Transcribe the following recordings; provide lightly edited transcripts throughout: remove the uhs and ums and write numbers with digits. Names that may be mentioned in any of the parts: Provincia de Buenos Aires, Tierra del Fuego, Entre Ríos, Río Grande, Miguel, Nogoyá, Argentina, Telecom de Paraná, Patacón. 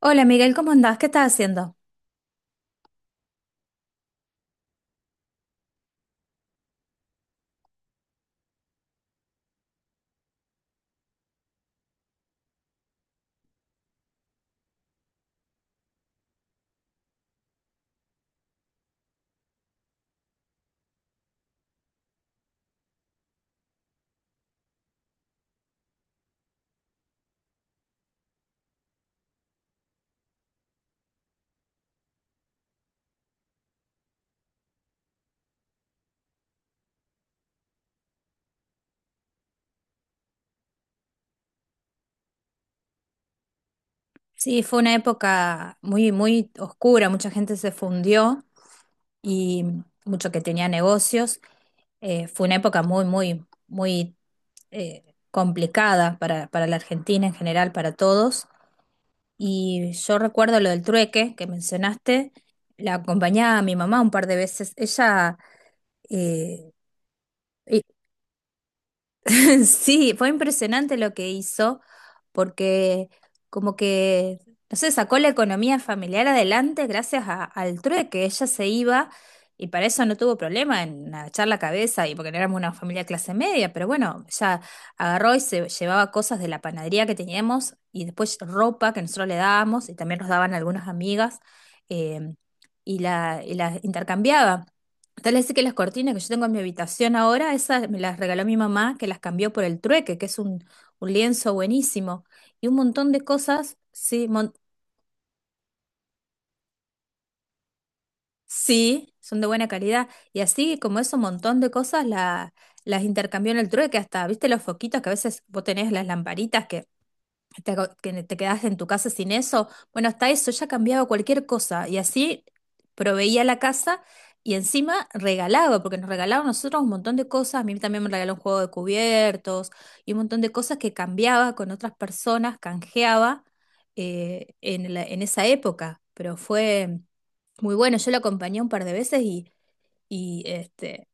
Hola Miguel, ¿cómo andás? ¿Qué estás haciendo? Sí, fue una época muy, muy oscura, mucha gente se fundió y mucho que tenía negocios. Fue una época muy, muy, muy, complicada para la Argentina en general, para todos. Y yo recuerdo lo del trueque que mencionaste, la acompañaba a mi mamá un par de veces. Eh, Sí, fue impresionante lo que hizo, porque como que, no sé, sacó la economía familiar adelante gracias a- al trueque. Ella se iba y para eso no tuvo problema en agachar la cabeza y porque no éramos una familia clase media, pero bueno, ella agarró y se llevaba cosas de la panadería que teníamos y después ropa que nosotros le dábamos y también nos daban algunas amigas eh, y la intercambiaba. Tal es que las cortinas que yo tengo en mi habitación ahora, esas me las regaló mi mamá, que las cambió por el trueque, que es un lienzo buenísimo. Y un montón de cosas, sí, mon- sí, son de buena calidad. Y así como eso, un montón de cosas la- las intercambió en el trueque, hasta, ¿viste los foquitos que a veces vos tenés las lamparitas que te, aco- que te quedas en tu casa sin eso? Bueno, hasta eso ya cambiaba cualquier cosa y así proveía la casa y encima regalaba, porque nos regalaban a nosotros un montón de cosas. A mí también me regaló un juego de cubiertos y un montón de cosas que cambiaba con otras personas, canjeaba en la- en esa época. Pero fue muy bueno. Yo lo acompañé un par de veces y este.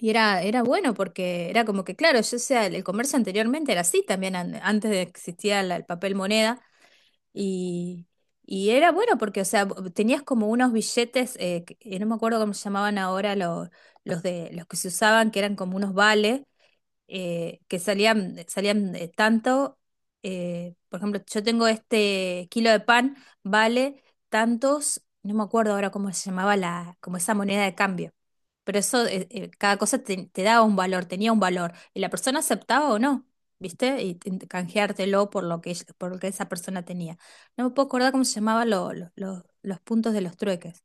Y era, era bueno porque era como que, claro, yo, o sea, el, comercio anteriormente era así también, an- antes de que existía la- el papel moneda, y, y era bueno porque, o sea, vo- tenías como unos billetes, que- no me acuerdo cómo se llamaban ahora los de, los que se usaban, que eran como unos vales, que salían, salían tanto, por ejemplo, yo tengo este kilo de pan, vale tantos, no me acuerdo ahora cómo se llamaba la, como esa moneda de cambio, pero eso, cada cosa te, te daba un valor, tenía un valor, y la persona aceptaba o no, ¿viste? Y te- te- canjeártelo por lo que, ella- por lo que esa persona tenía. No me puedo acordar cómo se llamaban lo- los puntos de los trueques.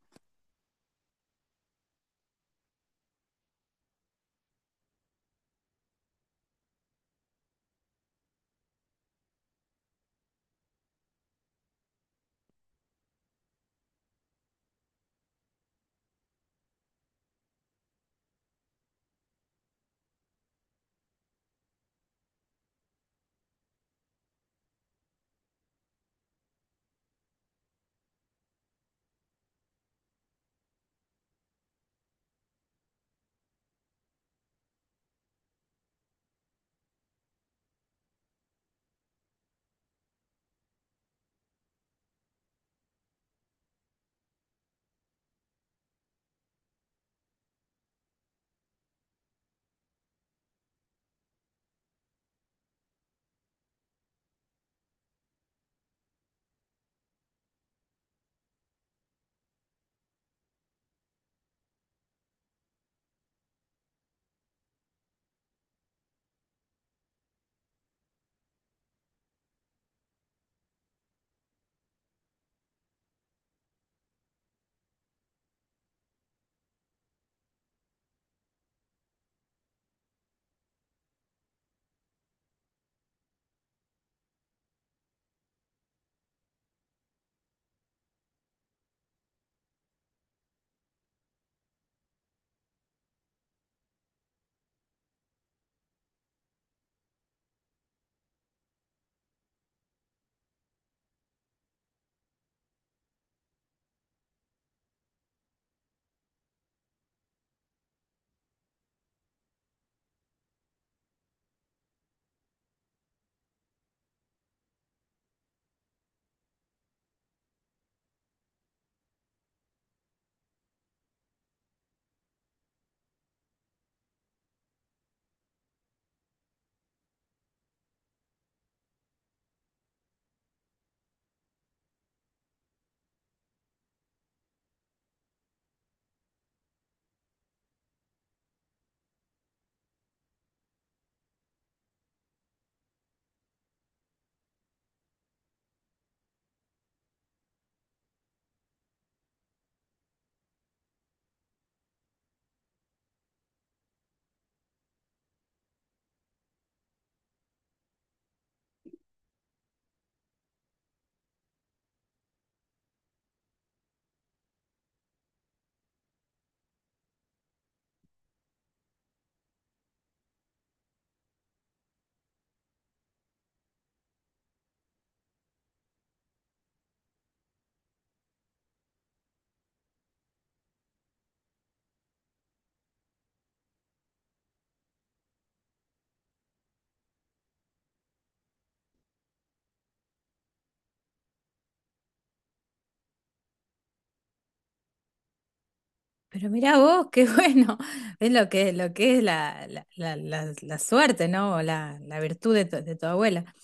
Pero mirá vos, qué bueno. Es lo que es la, la, la, la- la suerte, ¿no? O la virtud de tu abuela.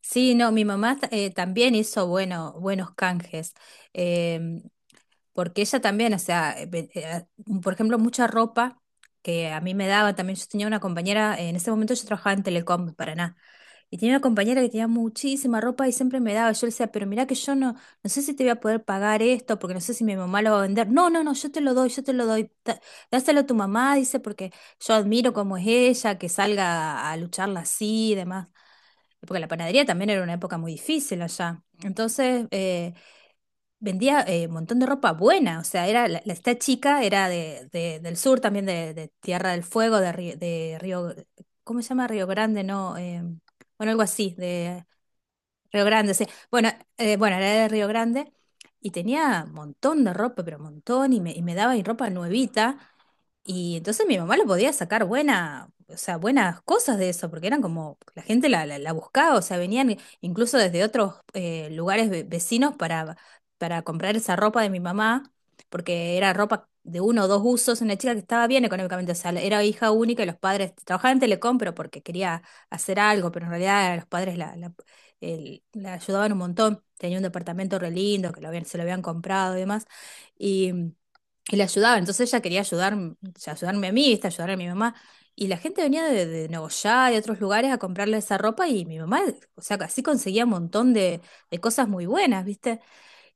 Sí, no, mi mamá también hizo bueno, buenos canjes. Em, Porque ella también, o sea, ve- por ejemplo, mucha ropa que a mí me daba también, yo tenía una compañera, en ese momento yo trabajaba en Telecom de Paraná, y tenía una compañera que tenía muchísima ropa y siempre me daba, yo le decía, pero mirá que yo no, no sé si te voy a poder pagar esto, porque no sé si mi mamá lo va a vender, no, no, no, yo te lo doy, yo te lo doy, Da- dáselo a tu mamá, dice, porque yo admiro cómo es ella, que salga a lucharla así y demás, porque la panadería también era una época muy difícil allá, entonces... vendía un montón de ropa buena, o sea, era la- la- esta chica era de- del sur también, de Tierra del Fuego, de, Ri- de Río, ¿cómo se llama? Río Grande, no, bueno, algo así, de Río Grande, sí. Bueno, bueno, era de Río Grande y tenía un montón de ropa, pero un montón, y me daba y ropa nuevita, y entonces mi mamá lo podía sacar buena, o sea, buenas cosas de eso, porque eran como, la gente la, la, la buscaba, o sea, venían incluso desde otros lugares ve- vecinos para comprar esa ropa de mi mamá, porque era ropa de uno o dos usos, una chica que estaba bien económicamente, o sea, era hija única y los padres trabajaban en Telecom, pero porque quería hacer algo, pero en realidad los padres la, la, el- la ayudaban un montón, tenía un departamento re lindo, que lo habían, se lo habían comprado y demás y le ayudaba. Entonces ella quería ayudar, o sea, ayudarme a mí, ¿viste? Ayudar a mi mamá. Y la gente venía de Nogoyá, de otros lugares a comprarle esa ropa y mi mamá, o sea, así conseguía un montón de cosas muy buenas, ¿viste?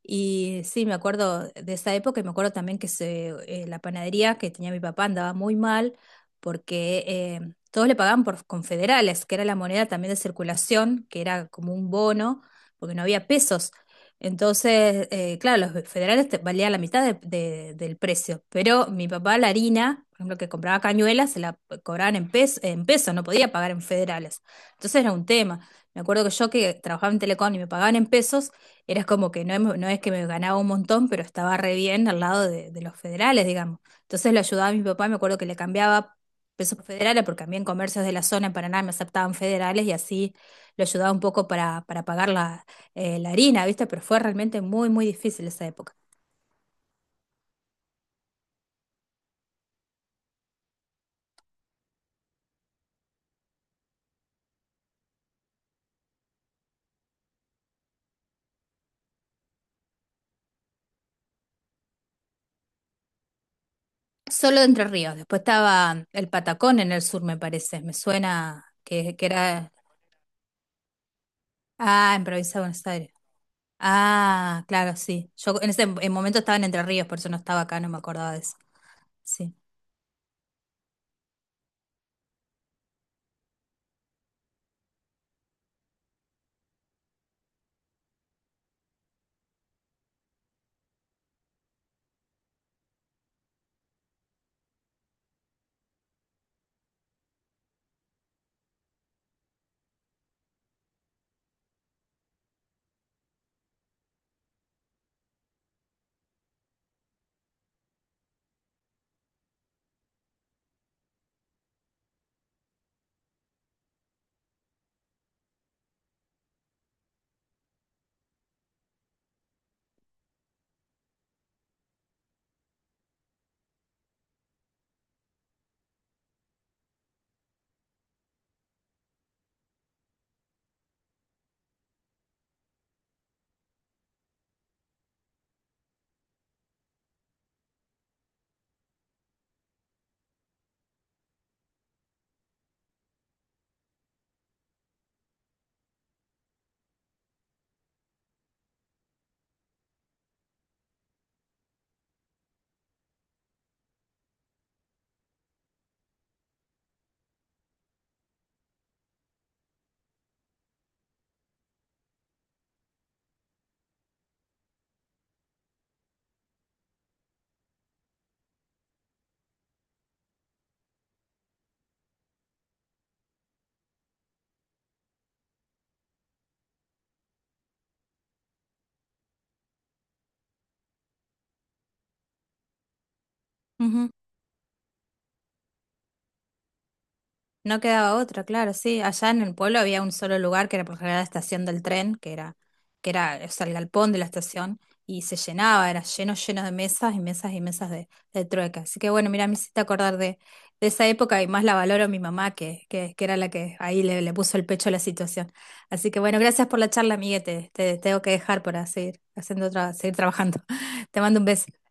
Y sí, me acuerdo de esa época y me acuerdo también que se, la panadería que tenía mi papá andaba muy mal porque todos le pagaban por confederales, que era la moneda también de circulación, que era como un bono, porque no había pesos. Entonces, claro, los federales te- valían la mitad de- del precio, pero mi papá la harina, por ejemplo, que compraba cañuelas, se la cobraban en pesos, no podía pagar en federales. Entonces era un tema. Me acuerdo que yo que trabajaba en Telecom y me pagaban en pesos, era como que no, em- no es que me ganaba un montón, pero estaba re bien al lado de los federales, digamos. Entonces lo ayudaba a mi papá, me acuerdo que le cambiaba pesos federales, porque a mí en comercios de la zona en Paraná me aceptaban federales y así lo ayudaba un poco para pagar la, la harina, ¿viste? Pero fue realmente muy, muy difícil esa época. Solo de Entre Ríos, después estaba el Patacón en el sur, me parece, me suena que era... Ah, en Provincia de Buenos Aires. Ah, claro, sí. Yo en ese en momento estaba en Entre Ríos, por eso no estaba acá, no me acordaba de eso. Sí. Ujú. No quedaba otra, claro, sí. Allá en el pueblo había un solo lugar que era por lo general la estación del tren, que era, o sea, el galpón de la estación, y se llenaba, era lleno, lleno de mesas y mesas y mesas de trueca. Así que bueno, mira, me hiciste acordar de esa época y más la valoro a mi mamá, que era la que ahí le, le puso el pecho a la situación. Así que bueno, gracias por la charla, amiguete. Te tengo que dejar para seguir haciendo otra, seguir trabajando. Te mando un beso.